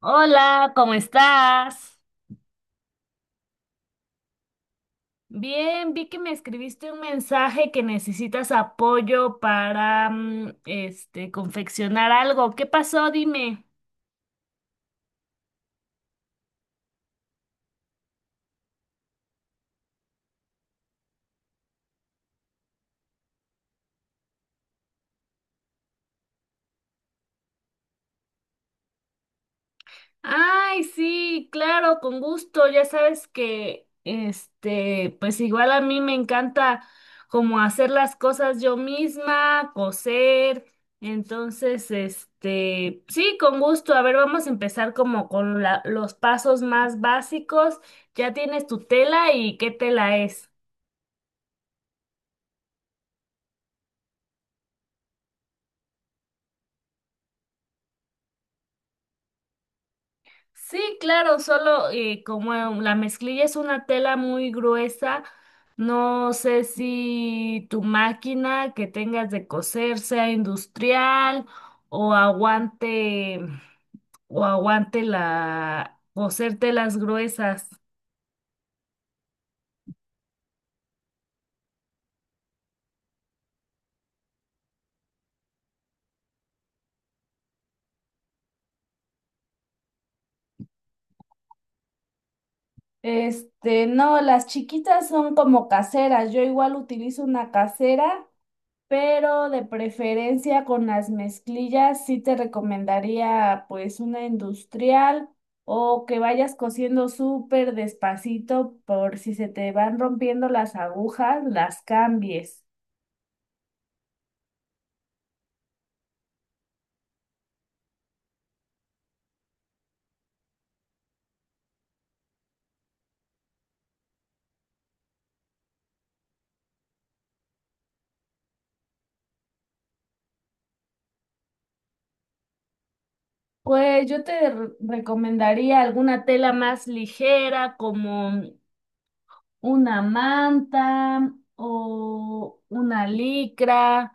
Hola, ¿cómo estás? Bien, vi que me escribiste un mensaje que necesitas apoyo para, este, confeccionar algo. ¿Qué pasó? Dime. Ay, sí, claro, con gusto. Ya sabes que, este, pues igual a mí me encanta como hacer las cosas yo misma, coser. Entonces, este, sí, con gusto. A ver, vamos a empezar como con los pasos más básicos. ¿Ya tienes tu tela y qué tela es? Sí, claro, solo como la mezclilla es una tela muy gruesa, no sé si tu máquina que tengas de coser sea industrial o aguante o aguante la coser telas gruesas. Este, no, las chiquitas son como caseras. Yo igual utilizo una casera pero de preferencia con las mezclillas sí te recomendaría pues una industrial o que vayas cosiendo súper despacito por si se te van rompiendo las agujas, las cambies. Pues yo te recomendaría alguna tela más ligera como una manta o una licra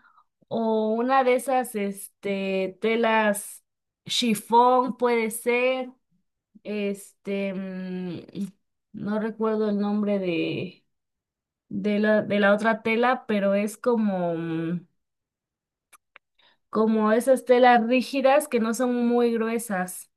o una de esas este telas chifón puede ser. Este, no recuerdo el nombre de la otra tela, pero es como, como esas telas rígidas que no son muy gruesas.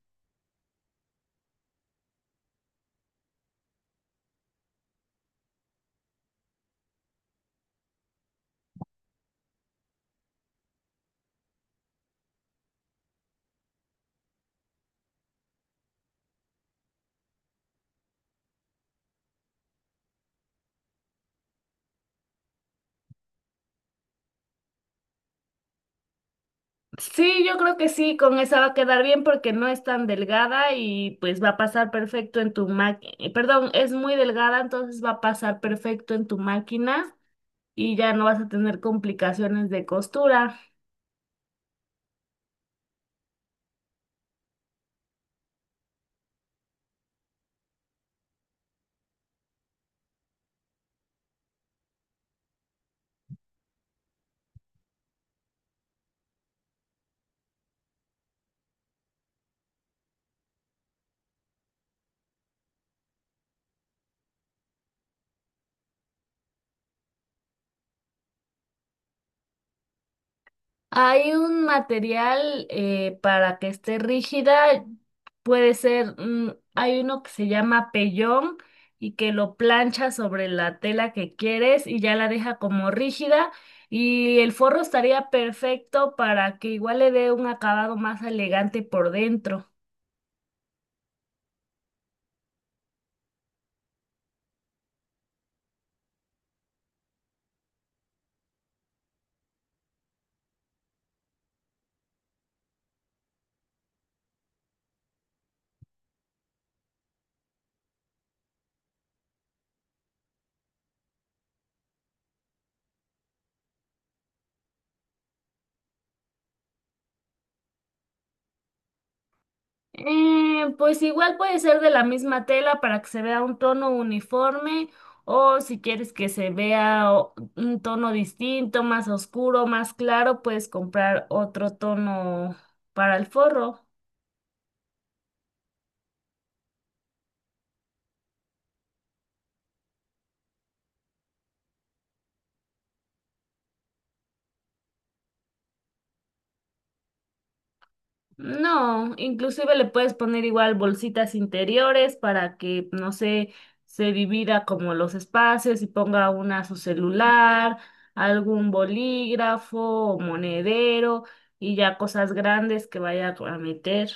Sí, yo creo que sí, con esa va a quedar bien porque no es tan delgada y pues va a pasar perfecto en tu máquina. Perdón, es muy delgada, entonces va a pasar perfecto en tu máquina y ya no vas a tener complicaciones de costura. Hay un material para que esté rígida, puede ser, hay uno que se llama pellón y que lo plancha sobre la tela que quieres y ya la deja como rígida y el forro estaría perfecto para que igual le dé un acabado más elegante por dentro. Pues igual puede ser de la misma tela para que se vea un tono uniforme o si quieres que se vea un tono distinto, más oscuro, más claro, puedes comprar otro tono para el forro. No, inclusive le puedes poner igual bolsitas interiores para que, no sé, se divida como los espacios y ponga una su celular, algún bolígrafo o monedero y ya cosas grandes que vaya a meter.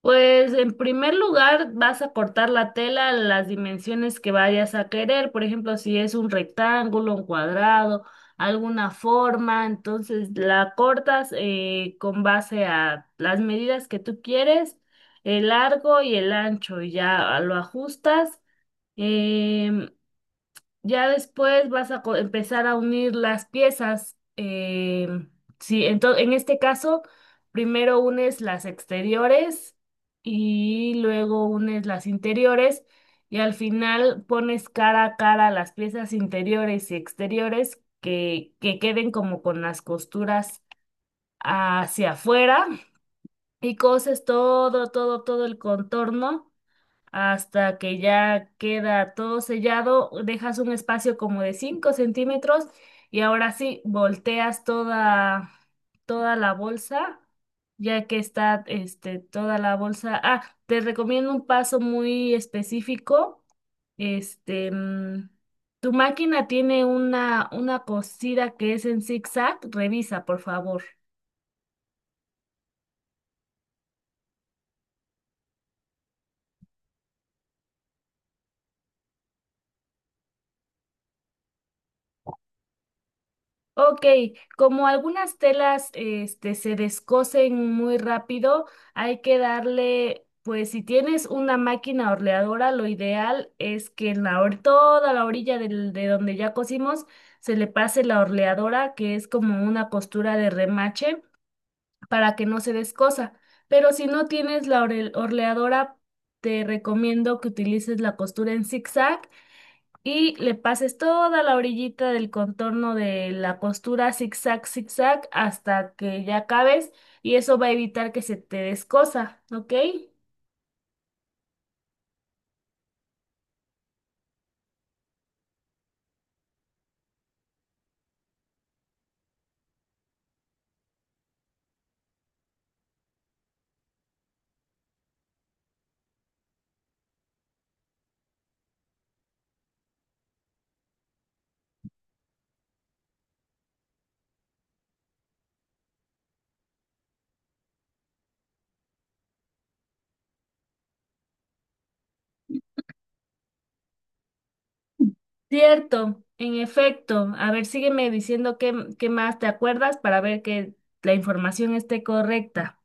Pues en primer lugar vas a cortar la tela a las dimensiones que vayas a querer, por ejemplo, si es un rectángulo, un cuadrado, alguna forma, entonces la cortas con base a las medidas que tú quieres, el largo y el ancho, y ya lo ajustas. em, ya después vas a empezar a unir las piezas. Sí, entonces, en este caso, primero unes las exteriores y luego unes las interiores y al final pones cara a cara las piezas interiores y exteriores que queden como con las costuras hacia afuera y coses todo, todo, todo el contorno hasta que ya queda todo sellado, dejas un espacio como de 5 centímetros y ahora sí volteas toda, toda la bolsa, ya que está este, toda la bolsa. Ah, te recomiendo un paso muy específico. Este, tu máquina tiene una cosida que es en zigzag, revisa, por favor. Ok, como algunas telas este, se descosen muy rápido, hay que darle, pues si tienes una máquina orleadora, lo ideal es que en la toda la orilla de donde ya cosimos se le pase la orleadora, que es como una costura de remache, para que no se descosa. Pero si no tienes la orleadora, te recomiendo que utilices la costura en zigzag y le pases toda la orillita del contorno de la costura zigzag, zigzag hasta que ya acabes y eso va a evitar que se te descosa, ¿ok? Cierto, en efecto. A ver, sígueme diciendo qué más te acuerdas para ver que la información esté correcta.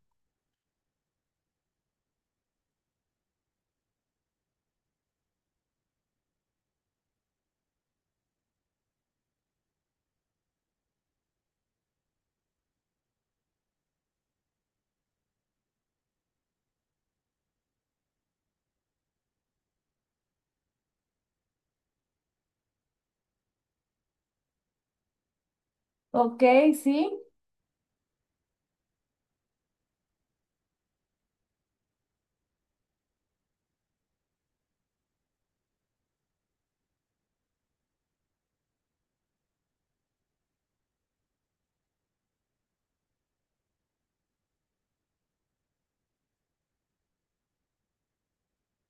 Ok, sí.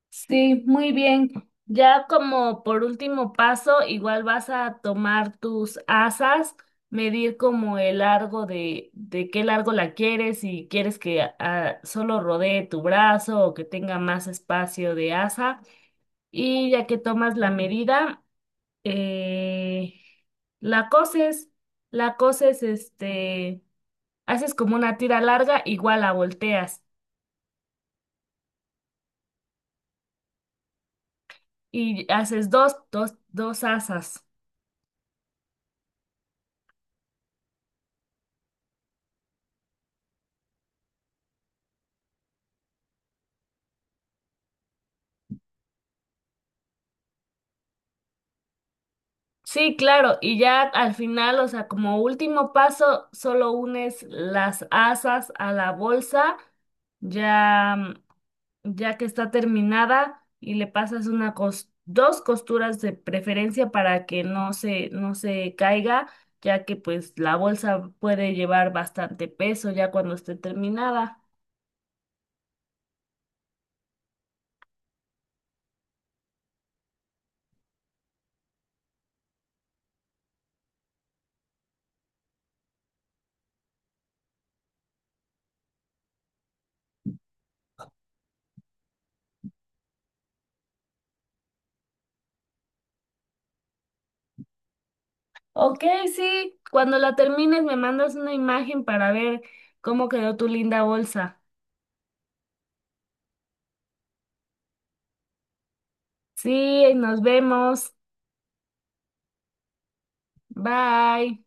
Sí, muy bien. Ya como por último paso, igual vas a tomar tus asas, medir como el largo de qué largo la quieres, si quieres que solo rodee tu brazo o que tenga más espacio de asa. Y ya que tomas la medida, eh, la coses, la coses, este, haces como una tira larga, igual la volteas y haces dos, dos, dos asas. Sí, claro, y ya al final, o sea, como último paso, solo unes las asas a la bolsa, ya, ya que está terminada, y le pasas una dos costuras de preferencia para que no se caiga, ya que pues la bolsa puede llevar bastante peso ya cuando esté terminada. Ok, sí, cuando la termines me mandas una imagen para ver cómo quedó tu linda bolsa. Sí, nos vemos. Bye.